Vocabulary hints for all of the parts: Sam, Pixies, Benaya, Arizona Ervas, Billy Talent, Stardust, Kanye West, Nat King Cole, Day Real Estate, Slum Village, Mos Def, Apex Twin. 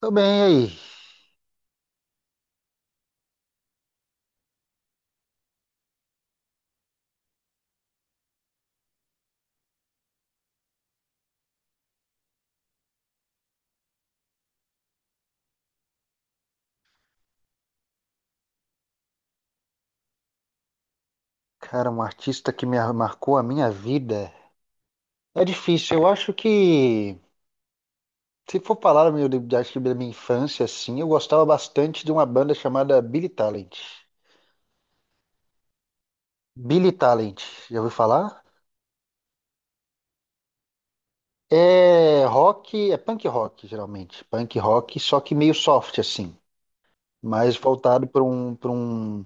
Tô bem, e aí? Cara, um artista que me marcou a minha vida. É difícil, eu acho que. Se for falar meu, acho que da minha infância, assim, eu gostava bastante de uma banda chamada Billy Talent. Billy Talent, já ouviu falar? É rock, é punk rock, geralmente. Punk rock, só que meio soft, assim. Mais voltado para um.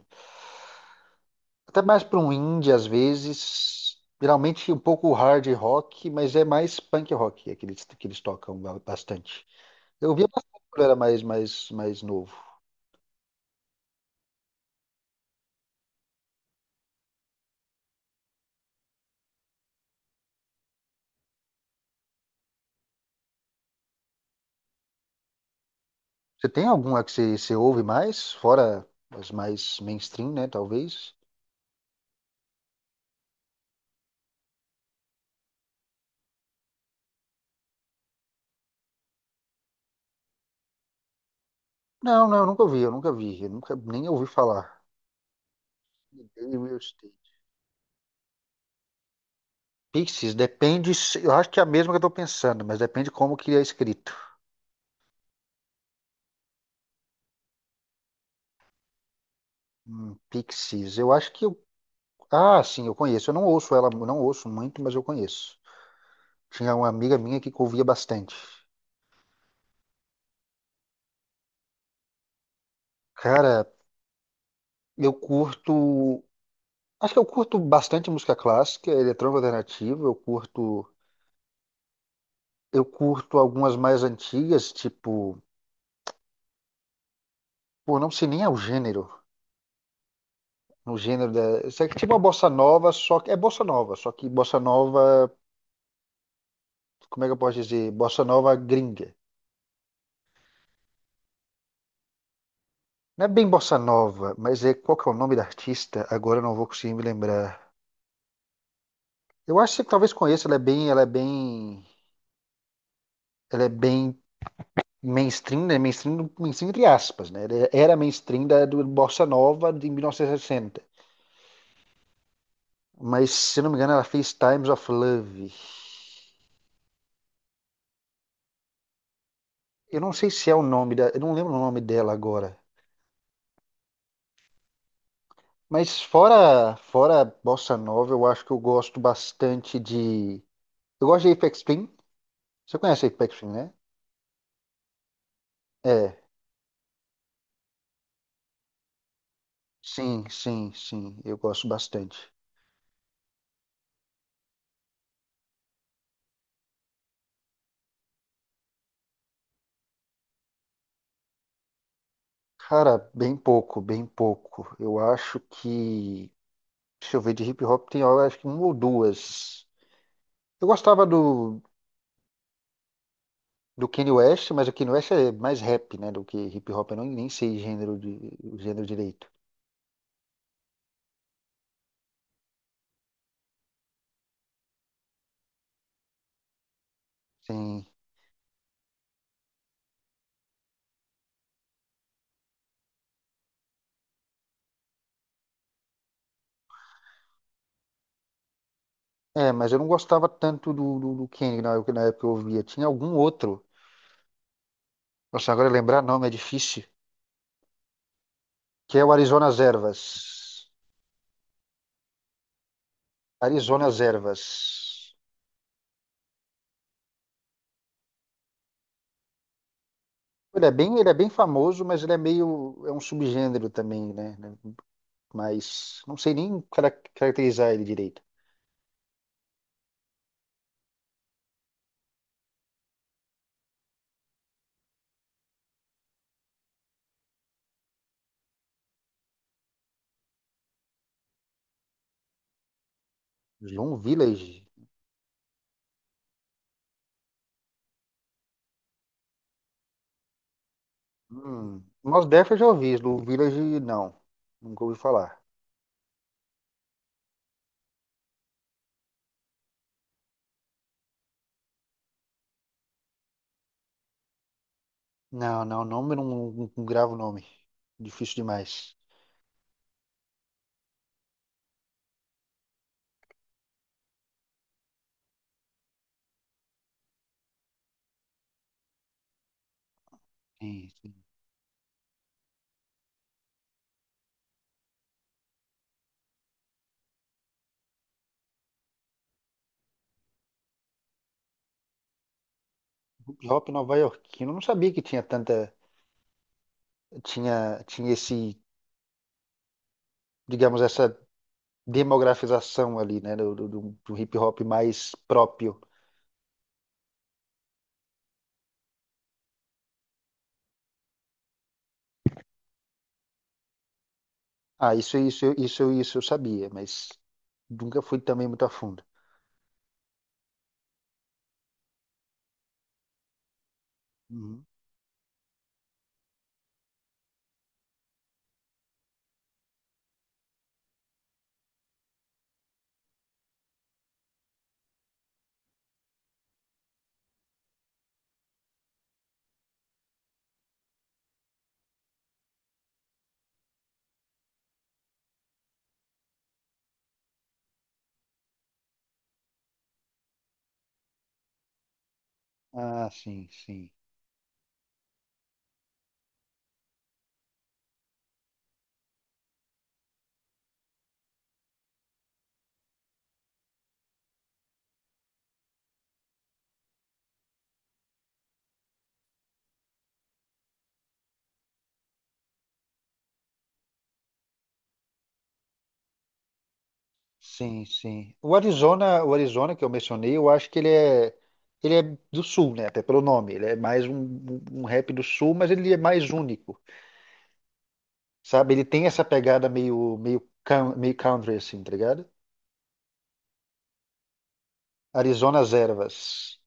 Até mais para um indie, às vezes. Geralmente um pouco hard rock, mas é mais punk rock, aqueles que eles tocam bastante. Eu via bastante quando era mais novo. Você tem alguma que você ouve mais? Fora as mais mainstream, né? Talvez. Não, não, eu nunca ouvi, eu nunca vi. Eu nunca nem ouvi falar. Day Real Estate. Pixies, depende. Eu acho que é a mesma que eu tô pensando, mas depende como que é escrito. Pixies, eu acho que eu. Ah, sim, eu conheço. Eu não ouço ela, eu não ouço muito, mas eu conheço. Tinha uma amiga minha que ouvia bastante. Cara, eu curto. Acho que eu curto bastante música clássica, eletrônica alternativa, eu curto algumas mais antigas, tipo, pô, não sei nem é o gênero da, isso é tipo uma bossa nova, só que bossa nova, como é que eu posso dizer? Bossa nova gringa. Não é bem bossa nova, mas é qual que é o nome da artista? Agora eu não vou conseguir me lembrar. Eu acho que você talvez conheça, ela é bem, ela é bem, ela é bem mainstream, né? Mainstream, mainstream entre aspas, né? Ela era mainstream da do bossa nova de 1960. Mas, se não me engano, ela fez Times of Love. Eu não sei se é o nome da. Eu não lembro o nome dela agora. Mas fora Bossa Nova, eu acho que eu gosto bastante de. Eu gosto de Apex Twin. Você conhece Apex Twin, né? É. Sim, sim, sim. Eu gosto bastante. Cara, bem pouco, bem pouco. Eu acho que. Deixa eu ver, de hip hop tem, eu acho que uma ou duas. Eu gostava do Kanye West, mas o Kanye West é mais rap, né, do que hip hop. Eu não, nem sei gênero de, o gênero direito. Sim. É, mas eu não gostava tanto do Kanye na época que eu ouvia. Tinha algum outro. Nossa, agora lembrar nome é difícil. Que é o Arizona Ervas. Arizona Ervas. Ele é bem famoso, mas ele é meio, é um subgênero também, né, mas não sei nem caracterizar ele direito. Slum Village. Hum. Mos Def eu já ouvi, Slum Village não. Nunca ouvi falar. Não, não, nome eu não gravo nome. Difícil demais. Sim, sim. Hip hop nova-iorquino, eu não sabia que tinha esse, digamos, essa demografização ali, né, do hip hop mais próprio. Ah, isso eu sabia, mas nunca fui também muito a fundo. Uhum. Ah, sim, sim. Sim, sim. O Arizona que eu mencionei, eu acho que ele é do sul, né? Até pelo nome. Ele é mais um, um rap do sul, mas ele é mais único, sabe? Ele tem essa pegada meio country, assim, tá ligado? Arizona as Ervas.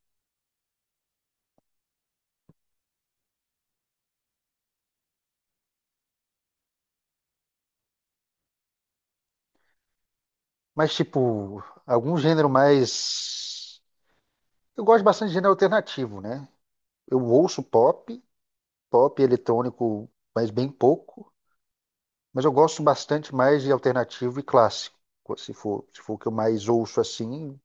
Mas, tipo, algum gênero mais. Eu gosto bastante de gênero alternativo, né? Eu ouço pop eletrônico, mas bem pouco. Mas eu gosto bastante mais de alternativo e clássico, se for o que eu mais ouço assim.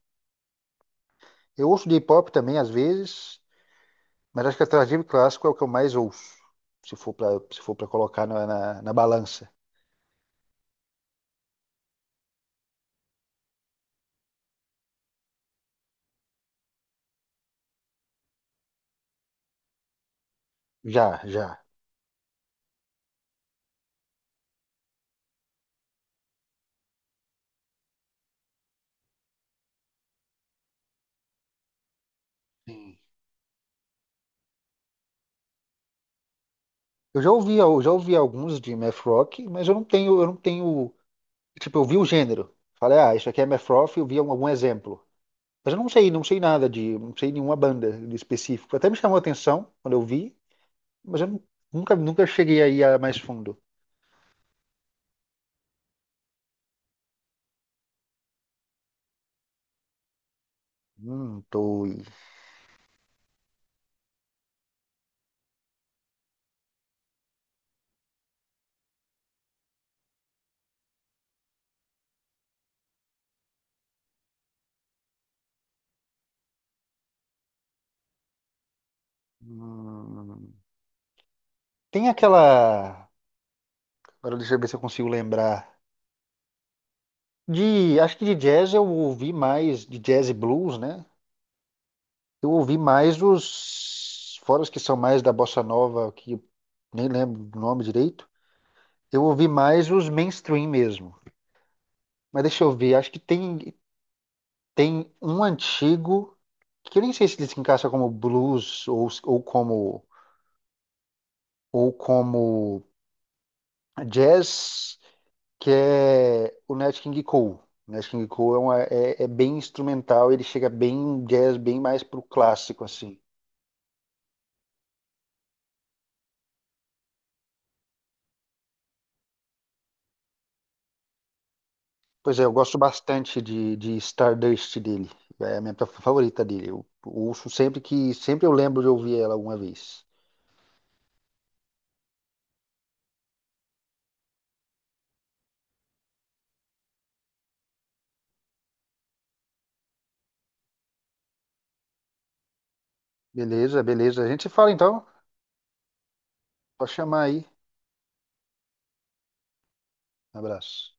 Eu ouço de hip hop também às vezes, mas acho que alternativo e clássico é o que eu mais ouço, se for para colocar na balança. Já, já. Sim. Eu já ouvi alguns de math rock, mas eu não tenho, tipo, eu vi o gênero. Falei, ah, isso aqui é math rock, eu vi algum exemplo. Mas eu não sei, não sei nada de, não sei nenhuma banda de específico. Até me chamou a atenção quando eu vi, mas eu nunca cheguei aí a mais fundo. Um, dois. Hum. Tem aquela. Agora deixa eu ver se eu consigo lembrar. De, acho que de jazz eu ouvi mais, de jazz e blues, né? Eu ouvi mais os, fora os que são mais da bossa nova, que eu nem lembro do nome direito. Eu ouvi mais os mainstream mesmo. Mas deixa eu ver, acho que tem, um antigo, que eu nem sei se ele se encaixa como blues ou como jazz, que é o Nat King Cole. O Nat King Cole é bem instrumental, ele chega bem jazz, bem mais pro clássico, assim. Pois é, eu gosto bastante de Stardust dele. É a minha favorita dele. Eu ouço sempre que sempre eu lembro de ouvir ela alguma vez. Beleza, beleza. A gente se fala então. Pode chamar aí. Um abraço.